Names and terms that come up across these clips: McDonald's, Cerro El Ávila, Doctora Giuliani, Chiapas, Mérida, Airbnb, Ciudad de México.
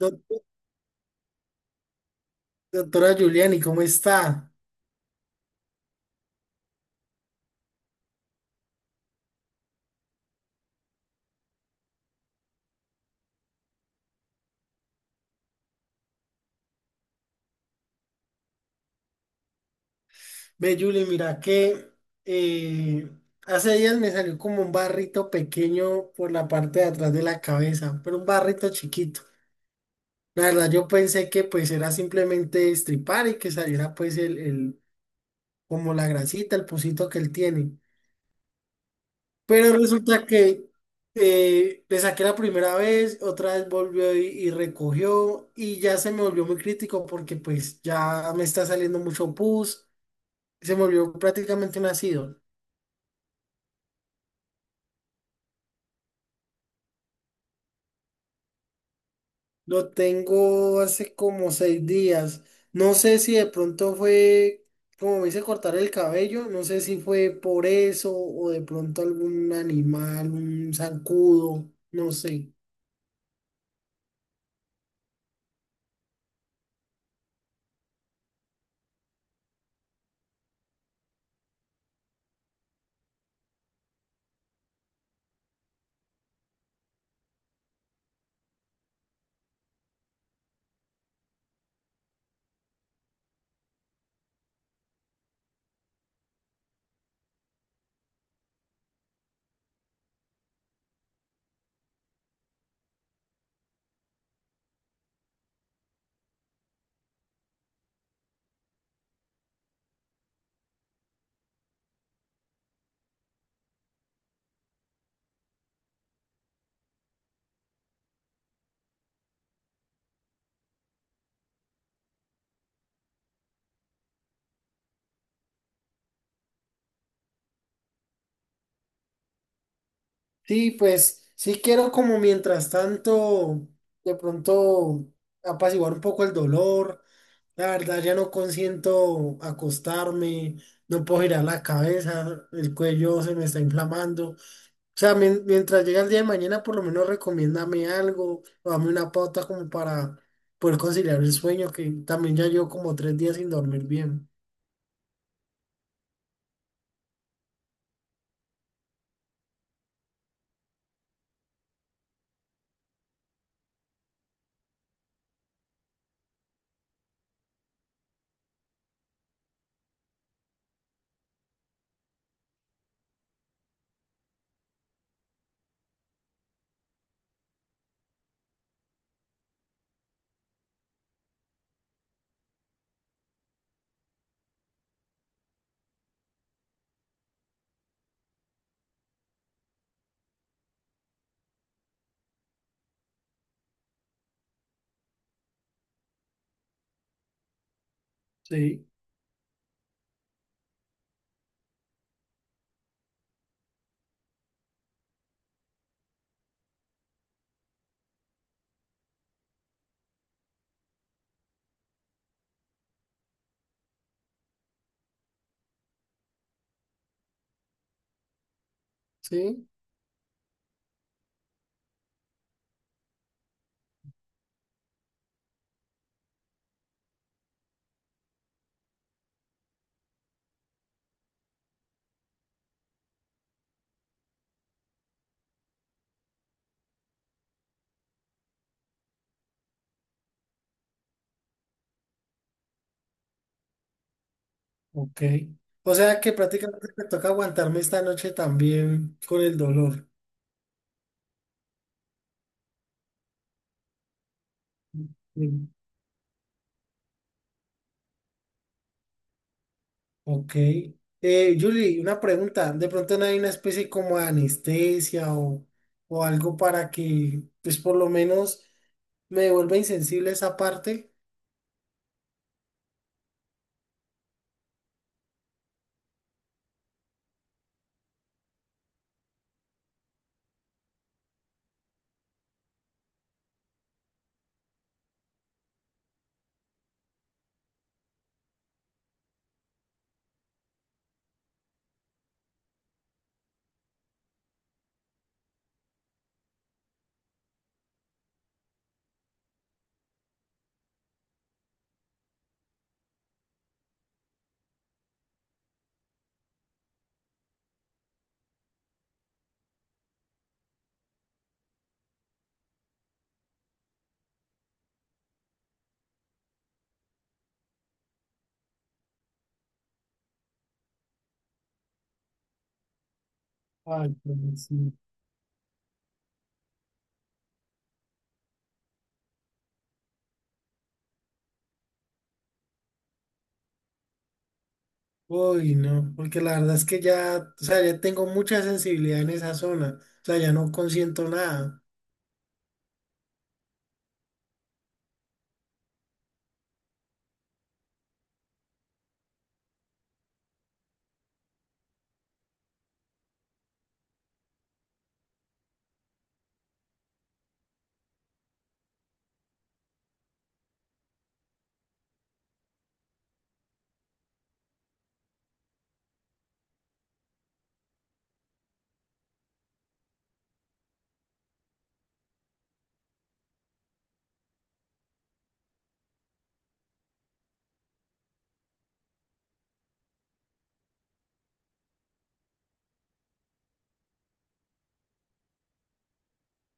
Doc- Doctora Giuliani, ¿cómo está? Ve, Julie, mira que eh, hace días me salió como un barrito pequeño por la parte de atrás de la cabeza, pero un barrito chiquito. La verdad, yo pensé que pues era simplemente estripar y que saliera pues como la grasita, el pusito que él tiene. Pero resulta que le saqué la primera vez, otra vez volvió y recogió y ya se me volvió muy crítico porque pues ya me está saliendo mucho pus. Se me volvió prácticamente un ácido. Lo tengo hace como 6 días. No sé si de pronto fue, como me hice cortar el cabello, no sé si fue por eso o de pronto algún animal, un zancudo, no sé. Sí, pues sí quiero como mientras tanto, de pronto apaciguar un poco el dolor. La verdad ya no consiento acostarme, no puedo girar la cabeza, el cuello se me está inflamando. O sea, mientras llega el día de mañana, por lo menos recomiéndame algo o dame una pauta como para poder conciliar el sueño, que también ya llevo como 3 días sin dormir bien. Sí, sí, ok. O sea que prácticamente me toca aguantarme esta noche también con el dolor. Mm. Ok. Julie, una pregunta. ¿De pronto no hay una especie como de anestesia o algo para que, pues por lo menos me vuelva insensible esa parte? Ay, pues sí. Uy, no, porque la verdad es que ya, o sea, ya tengo mucha sensibilidad en esa zona, o sea, ya no consiento nada.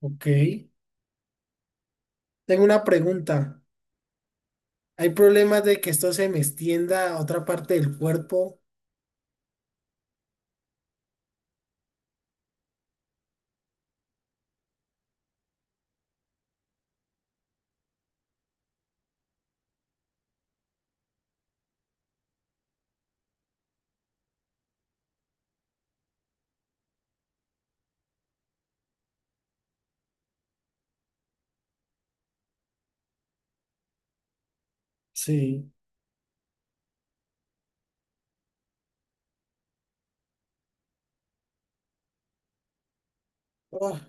Ok. Tengo una pregunta. ¿Hay problemas de que esto se me extienda a otra parte del cuerpo? Sí. Oh,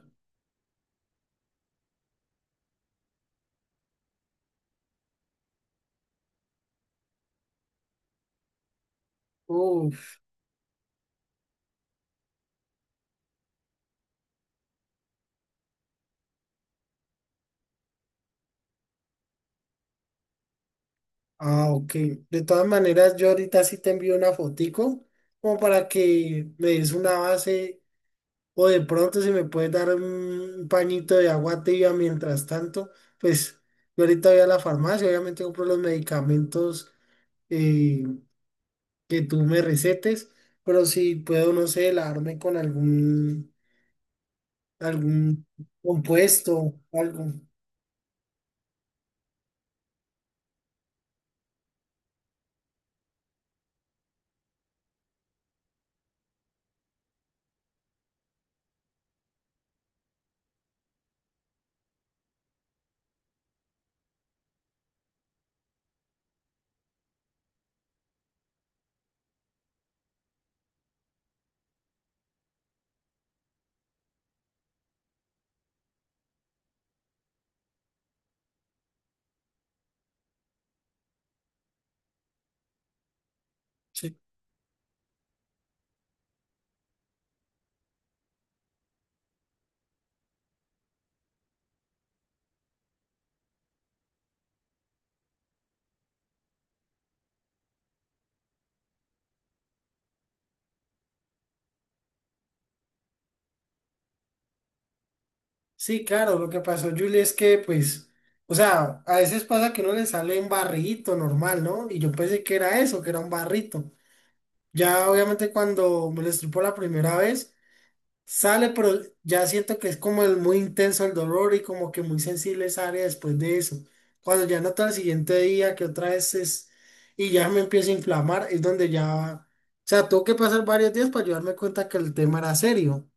uf. Ah, ok. De todas maneras, yo ahorita sí te envío una fotico como para que me des una base. O de pronto si me puedes dar un pañito de agua tibia mientras tanto, pues yo ahorita voy a la farmacia, obviamente compro los medicamentos eh, que tú me recetes, pero si puedo, no sé, lavarme con algún compuesto, algo. Sí, sí, claro, lo que pasó, Julie, es que pues, o sea, a veces pasa que uno le sale un barrito normal, ¿no? Y yo pensé que era eso, que era un barrito. Ya obviamente cuando me lo estripó la primera vez, sale, pero ya siento que es como el muy intenso el dolor y como que muy sensible esa área después de eso. Cuando ya noto el siguiente día que otra vez es y ya me empiezo a inflamar, es donde ya, o sea, tuvo que pasar varios días para yo darme cuenta que el tema era serio.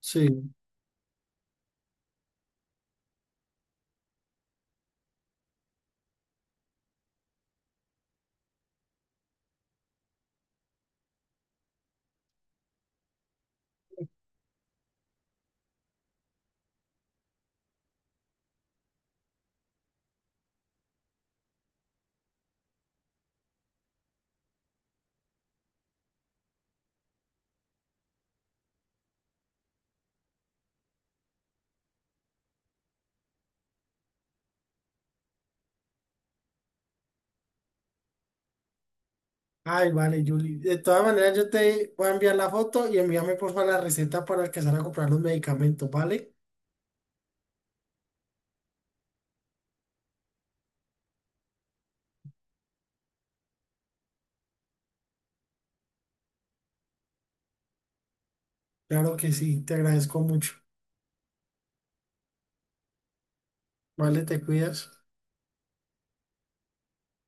Sí. Ay, vale, Julie. De todas maneras, yo te voy a enviar la foto y envíame por favor la receta para alcanzar a comprar los medicamentos, ¿vale? Claro que sí, te agradezco mucho. Vale, te cuidas.